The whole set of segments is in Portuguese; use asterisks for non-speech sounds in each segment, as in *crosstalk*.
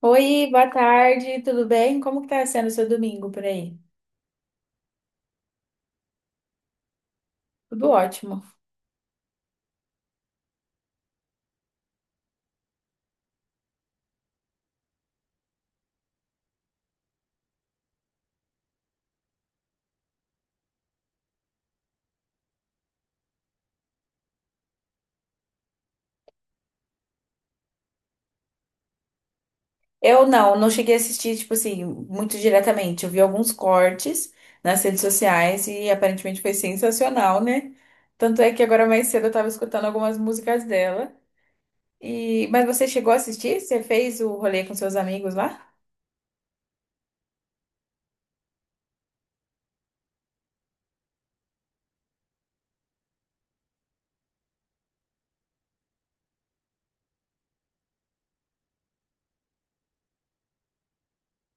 Oi, boa tarde, tudo bem? Como que tá sendo o seu domingo por aí? Tudo ótimo. Eu não cheguei a assistir, tipo assim, muito diretamente. Eu vi alguns cortes nas redes sociais e aparentemente foi sensacional, né? Tanto é que agora mais cedo eu tava escutando algumas músicas dela. E... Mas você chegou a assistir? Você fez o rolê com seus amigos lá?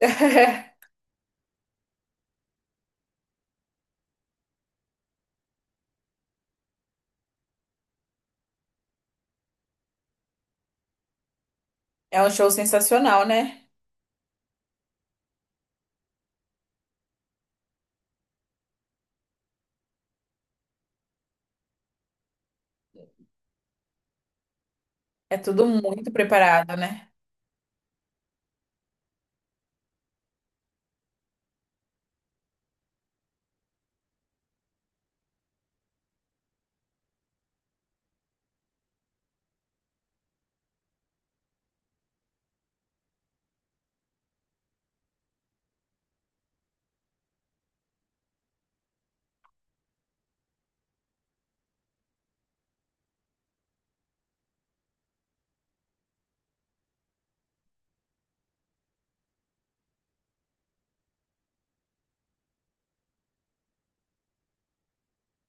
*laughs* É um show sensacional, né? É tudo muito preparado, né?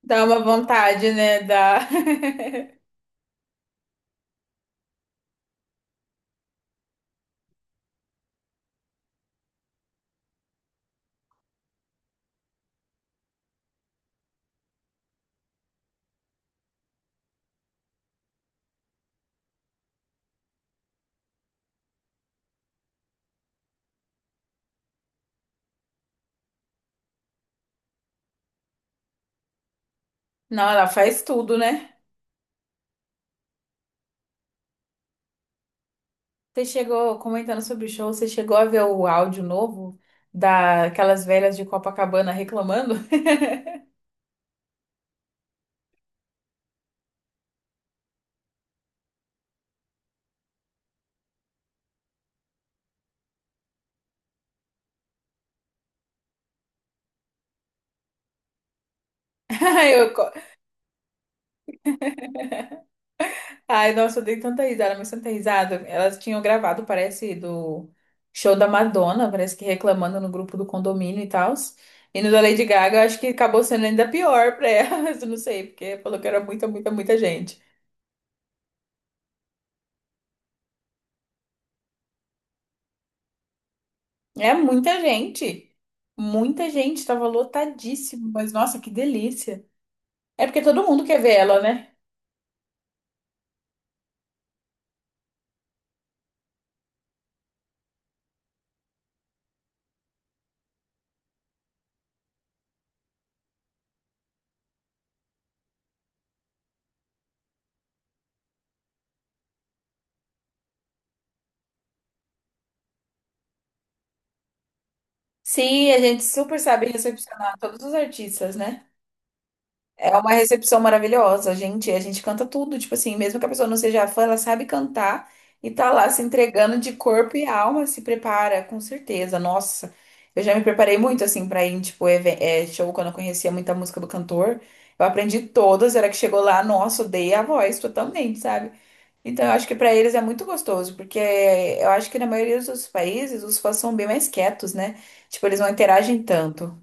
Dá uma vontade, né? Dá. *laughs* Não, ela faz tudo, né? Você chegou, comentando sobre o show, você chegou a ver o áudio novo daquelas velhas de Copacabana reclamando? *laughs* Ai, eu co- ai, nossa, eu dei tanta risada, mas tanta risada. Elas tinham gravado, parece, do show da Madonna, parece que reclamando no grupo do condomínio e tal. E no da Lady Gaga, eu acho que acabou sendo ainda pior pra elas, *laughs* eu não sei, porque falou que era muita, muita, muita gente. É muita gente. Muita gente, tava lotadíssimo, mas nossa, que delícia. É porque todo mundo quer ver ela, né? Sim, a gente super sabe recepcionar todos os artistas, né? É uma recepção maravilhosa, gente, a gente canta tudo, tipo assim, mesmo que a pessoa não seja fã, ela sabe cantar e tá lá se entregando de corpo e alma, se prepara, com certeza. Nossa, eu já me preparei muito assim pra ir, em, tipo, show quando eu conhecia muita música do cantor. Eu aprendi todas, era que chegou lá, nossa, odeia a voz totalmente, sabe? Então, eu acho que para eles é muito gostoso, porque eu acho que na maioria dos outros países os fãs são bem mais quietos, né? Tipo, eles não interagem tanto.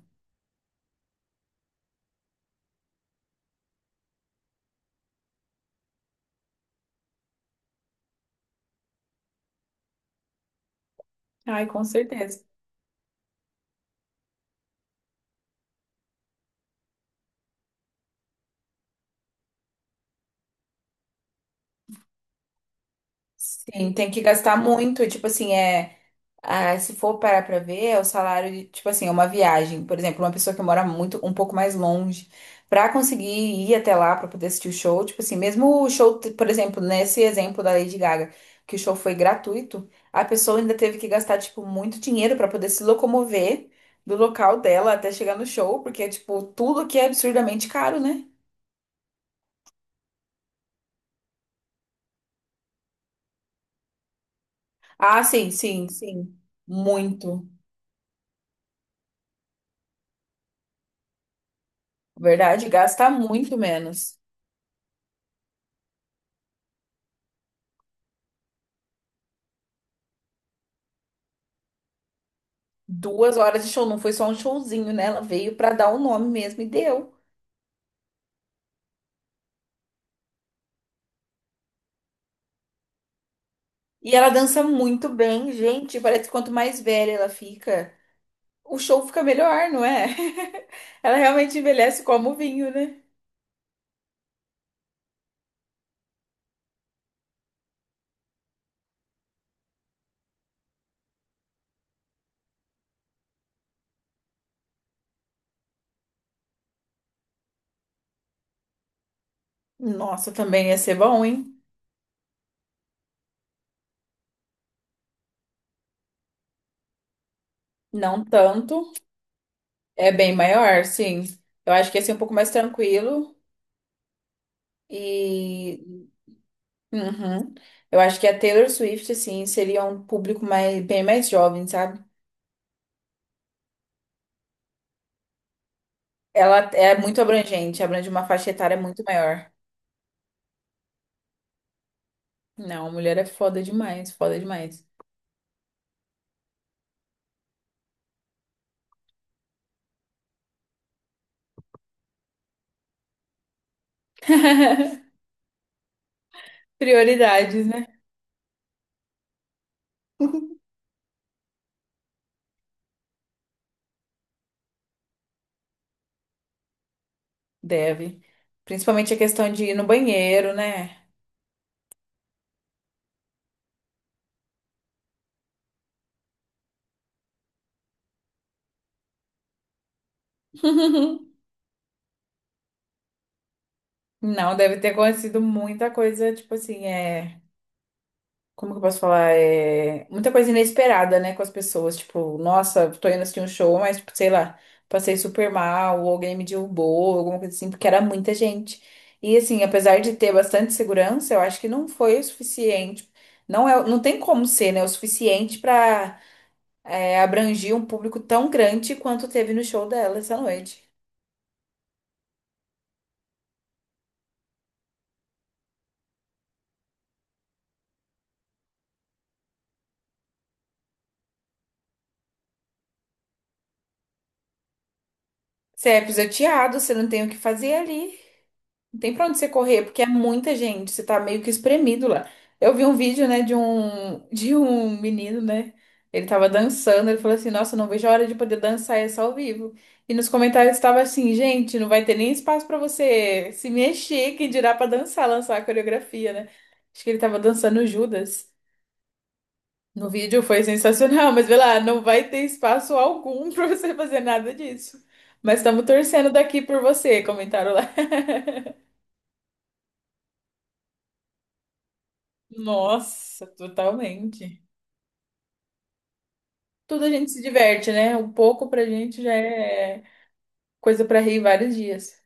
Ai, com certeza. Sim, tem que gastar muito, tipo assim, é. Ah, se for parar pra ver, é o salário de, tipo assim, é uma viagem. Por exemplo, uma pessoa que mora muito, um pouco mais longe, pra conseguir ir até lá pra poder assistir o show, tipo assim, mesmo o show, por exemplo, nesse exemplo da Lady Gaga, que o show foi gratuito, a pessoa ainda teve que gastar, tipo, muito dinheiro pra poder se locomover do local dela até chegar no show, porque é, tipo, tudo aqui é absurdamente caro, né? Ah, sim, sim, sim. Muito. Verdade, gasta muito menos. Duas horas de show, não foi só um showzinho, né? Ela veio pra dar o nome mesmo e deu. E ela dança muito bem, gente. Parece que quanto mais velha ela fica, o show fica melhor, não é? *laughs* Ela realmente envelhece como vinho, né? Nossa, também ia ser bom, hein? Não tanto. É bem maior, sim. Eu acho que ia ser um pouco mais tranquilo. E. Uhum. Eu acho que a Taylor Swift, assim, seria um público mais, bem mais jovem, sabe? Ela é muito abrangente, abrange uma faixa etária muito maior. Não, mulher é foda demais, foda demais. *laughs* Prioridades, né? Deve. Principalmente a questão de ir no banheiro, né? *laughs* Não, deve ter acontecido muita coisa, tipo assim, é. Como que eu posso falar? É muita coisa inesperada, né, com as pessoas. Tipo, nossa, tô indo assistir um show, mas, tipo, sei lá, passei super mal, ou alguém me derrubou, alguma coisa assim, porque era muita gente. E, assim, apesar de ter bastante segurança, eu acho que não foi o suficiente. Não é, não tem como ser, né, o suficiente pra abranger um público tão grande quanto teve no show dela essa noite. Você é pisoteado, você não tem o que fazer ali. Não tem pra onde você correr, porque é muita gente, você tá meio que espremido lá. Eu vi um vídeo, né, de um, *laughs* de um menino, né? Ele tava dançando, ele falou assim: Nossa, não vejo a hora de poder dançar essa ao vivo. E nos comentários estava assim: Gente, não vai ter nem espaço pra você se mexer, quem dirá pra dançar, lançar a coreografia, né? Acho que ele tava dançando Judas. No vídeo foi sensacional, *laughs* mas vê lá, não vai ter espaço algum *laughs* pra você fazer nada disso. Mas estamos torcendo daqui por você, comentaram lá. Nossa, totalmente. Tudo a gente se diverte, né? Um pouco pra gente já é coisa pra rir vários dias.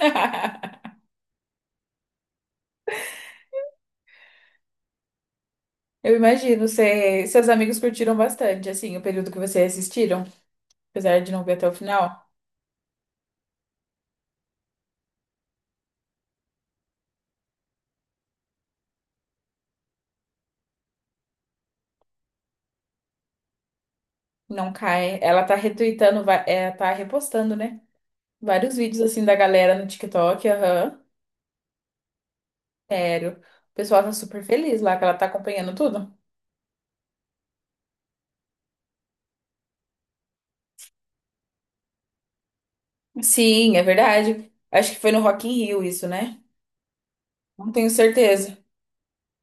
*laughs* Eu imagino, você, seus amigos curtiram bastante, assim, o período que vocês assistiram, apesar de não ver até o final. Não cai. Ela tá retweetando, tá repostando, né? Vários vídeos, assim, da galera no TikTok, aham. Sério. O pessoal tá super feliz lá, que ela tá acompanhando tudo. Sim, é verdade. Acho que foi no Rock in Rio isso, né? Não tenho certeza.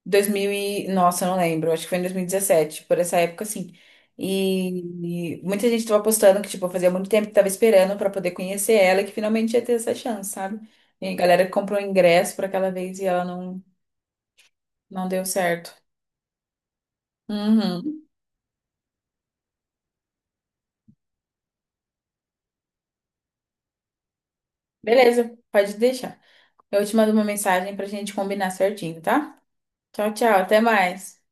2000 e... Nossa, eu não lembro. Acho que foi em 2017, por essa época, assim. E muita gente tava postando que, tipo, fazia muito tempo que tava esperando pra poder conhecer ela e que finalmente ia ter essa chance, sabe? E a galera que comprou ingresso pra aquela vez e ela não, não deu certo. Uhum. Beleza, pode deixar. Eu te mando uma mensagem pra gente combinar certinho, tá? Tchau, tchau. Até mais.